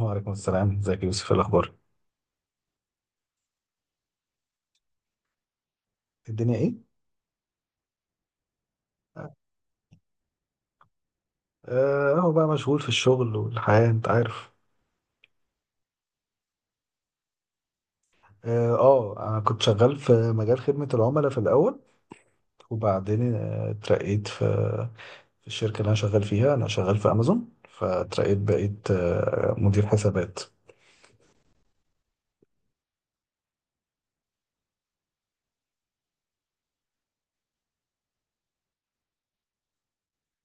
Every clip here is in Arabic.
وعليكم السلام، ازيك يا يوسف؟ إيه الاخبار؟ الدنيا ايه. اهو بقى مشغول في الشغل والحياة، انت عارف. انا كنت شغال في مجال خدمة العملاء في الاول، وبعدين اترقيت في الشركة اللي انا شغال فيها. انا شغال في امازون، فاترقيت بقيت مدير حسابات.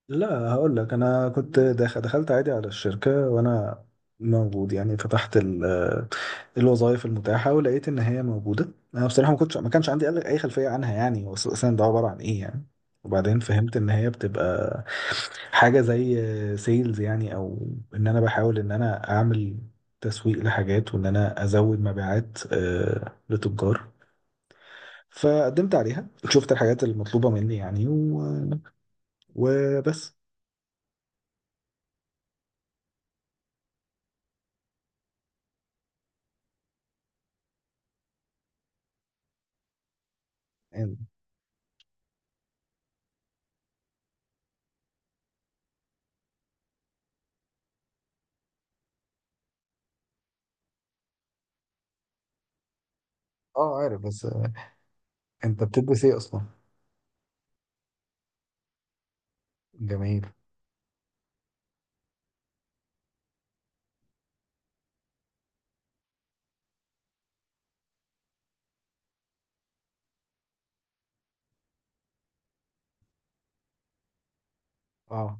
لا، هقول لك، انا كنت دخلت عادي على الشركه وانا موجود، يعني فتحت الوظائف المتاحه ولقيت ان هي موجوده. انا بصراحه ما كانش عندي اي خلفيه عنها، يعني هو اصلا ده عباره عن ايه يعني. وبعدين فهمت ان هي بتبقى حاجه زي سيلز يعني، او ان انا بحاول ان انا اعمل تسويق لحاجات، وان انا ازود مبيعات لتجار. فقدمت عليها، شفت الحاجات المطلوبه مني يعني وبس. يعني اه، عارف، بس انت بتدرس ايه اصلا؟ جميل. اه،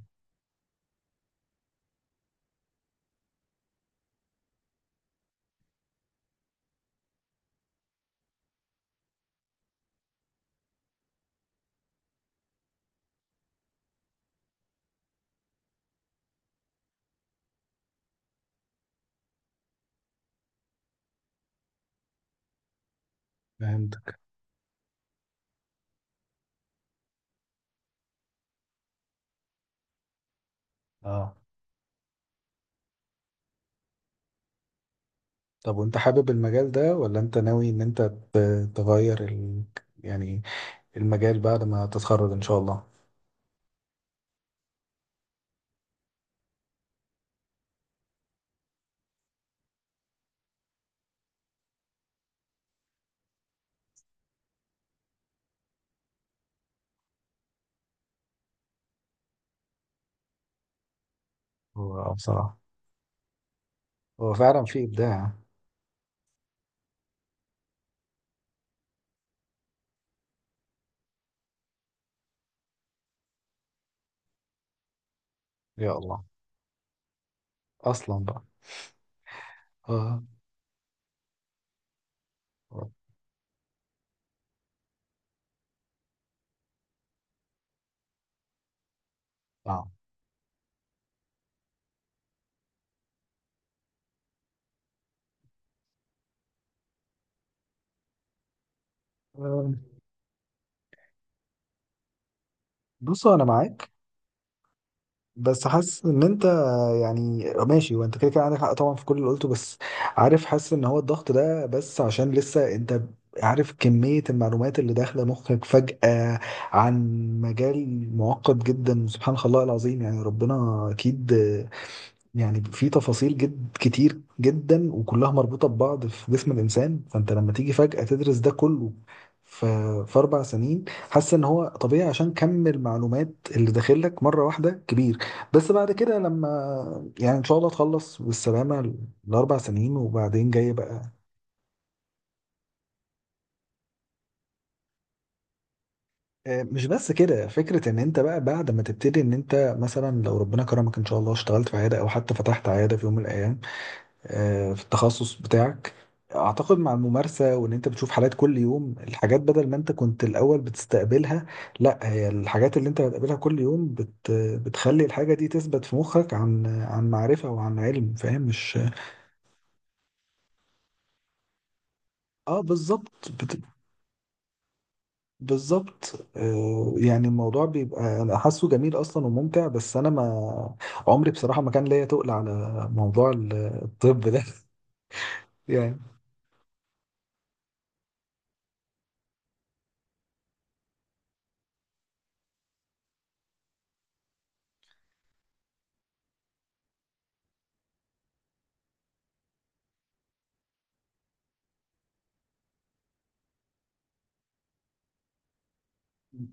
فهمت. اه، طب وانت حابب المجال ده ولا انت ناوي ان انت تغير يعني المجال بعد ما تتخرج ان شاء الله؟ هو بصراحة هو فعلا في ابداع. يا الله، اصلا بقى. اه، اه، آه. بصوا، انا معاك، بس حاسس ان انت يعني ماشي، وانت كده كده عندك حق طبعا في كل اللي قلته. بس، عارف، حاسس ان هو الضغط ده بس عشان لسه انت عارف كمية المعلومات اللي داخلة مخك فجأة عن مجال معقد جدا، سبحان الله العظيم، يعني ربنا أكيد. يعني في تفاصيل جد كتير جدا وكلها مربوطة ببعض في جسم الإنسان. فأنت لما تيجي فجأة تدرس ده كله ف- في أربع سنين، حاسس إن هو طبيعي عشان كم المعلومات اللي داخلك مرة واحدة كبير. بس بعد كده لما يعني إن شاء الله تخلص بالسلامة الأربع سنين وبعدين جاي بقى، مش بس كده، فكرة إن أنت بقى بعد ما تبتدي، إن أنت مثلا لو ربنا كرمك إن شاء الله اشتغلت في عيادة أو حتى فتحت عيادة في يوم من الأيام في التخصص بتاعك، اعتقد مع الممارسة وان انت بتشوف حالات كل يوم، الحاجات بدل ما انت كنت الاول بتستقبلها، لا هي الحاجات اللي انت بتقابلها كل يوم بتخلي الحاجة دي تثبت في مخك عن عن معرفة وعن علم، فاهم؟ مش. اه، بالظبط بالظبط. يعني الموضوع بيبقى انا حاسه جميل اصلا وممتع، بس انا ما عمري بصراحة ما كان ليا تقل على موضوع الطب ده. يعني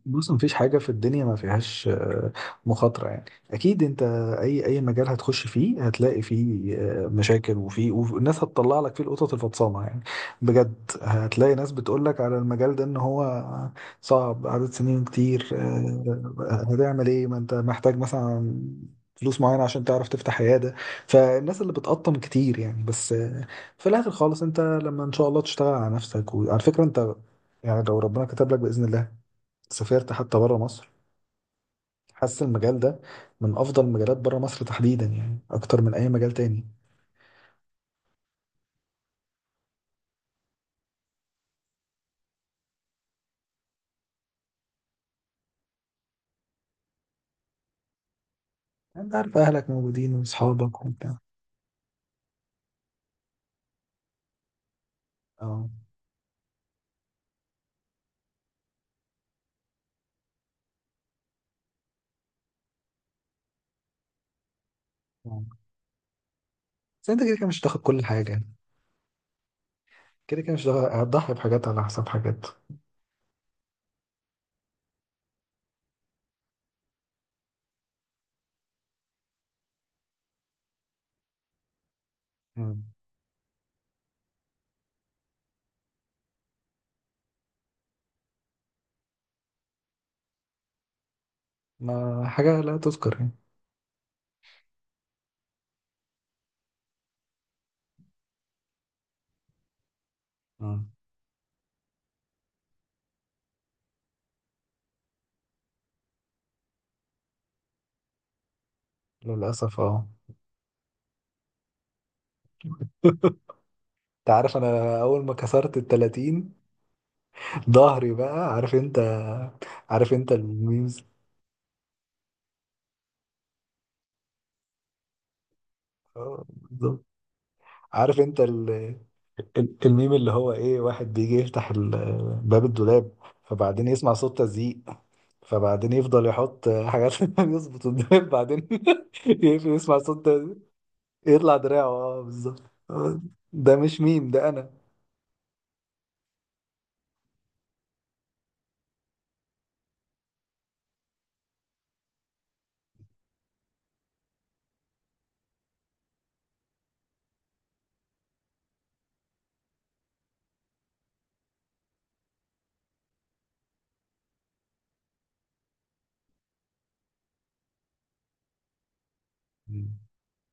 بص، مفيش حاجة في الدنيا ما فيهاش مخاطرة يعني. أكيد أنت أي مجال هتخش فيه هتلاقي فيه مشاكل، وفيه والناس هتطلع لك فيه القطط الفطسانة يعني، بجد. هتلاقي ناس بتقول لك على المجال ده إن هو صعب، عدد سنين كتير، هتعمل إيه، ما أنت محتاج مثلا فلوس معينة عشان تعرف تفتح عيادة، فالناس اللي بتقطم كتير يعني. بس في الآخر خالص أنت لما إن شاء الله تشتغل على نفسك. وعلى فكرة أنت يعني لو ربنا كتب لك بإذن الله سافرت حتى بره مصر، حاسس المجال ده من افضل المجالات بره مصر تحديدا، يعني اكتر من اي مجال تاني. انت عارف اهلك موجودين واصحابك وبتاع. اه، آه. بس انت كده كده مش هتاخد كل حاجه يعني. كده كده مش هتاخد- هتضحي بحاجات على حساب حاجات. مم. ما حاجه لا تذكر يعني. مم. للاسف اه. انت عارف، انا اول ما كسرت ال 30 ظهري بقى، عارف انت، عارف انت الميمز. اه، بالظبط. عارف انت الميم اللي هو ايه، واحد بيجي يفتح باب الدولاب، فبعدين يسمع صوت تزييق، فبعدين يفضل يحط حاجات يظبط الدولاب، بعدين يقفل يسمع صوت تزييق، يطلع دراعه. اه، بالظبط. آه، ده مش ميم ده انا. مم.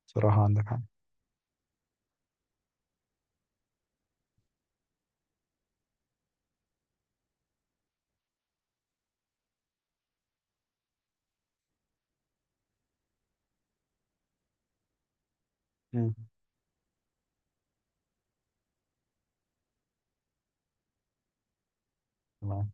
صراحة عندك حق. مم. تمام.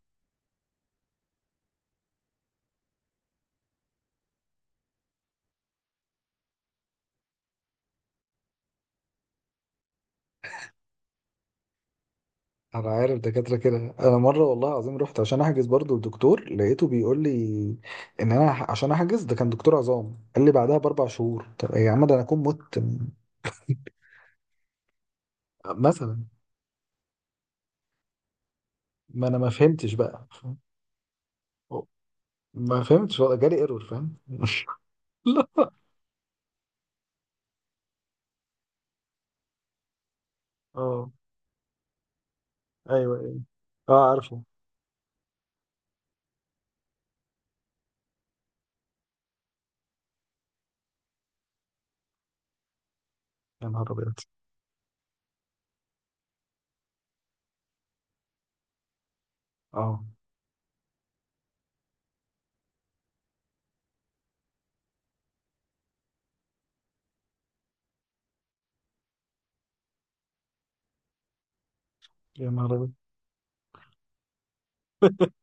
انا عارف دكاترة كده. انا مرة، والله العظيم، رحت عشان احجز برضو الدكتور، لقيته بيقول لي ان انا عشان احجز، ده كان دكتور عظام، قال لي بعدها باربع شهور. طب يا عم، ده انا اكون مت مثلا. ما انا ما فهمتش بقى. ما فهمتش ولا جالي ايرور، فاهم؟ لا. اه. ايوه، ايوه. اه، عارفه. يا نهار ابيض. اه. يا نهار ابيض.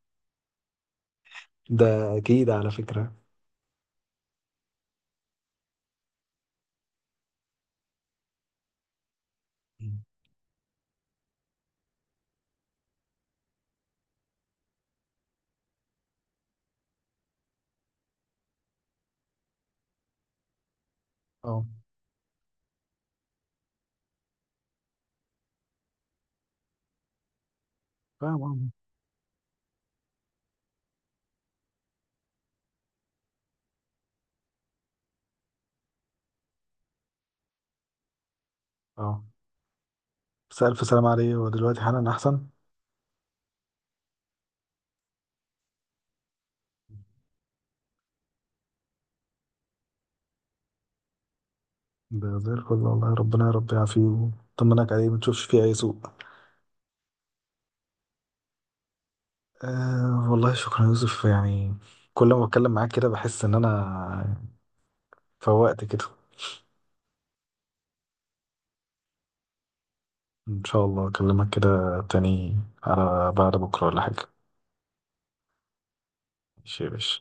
ده اكيد على فكره. اه، فاهم. آه. اه. بس الف سلامه عليه، ودلوقتي حالا احسن. ده زي الفل، والله ربنا يا رب يعافيه ويطمنك عليه، ما تشوفش فيه اي سوء. آه، والله شكرا يا يوسف، يعني كل ما بتكلم معاك كده بحس ان انا فوقت كده. ان شاء الله اكلمك كده تاني، على بعد بكره ولا حاجه. ماشي يا باشا.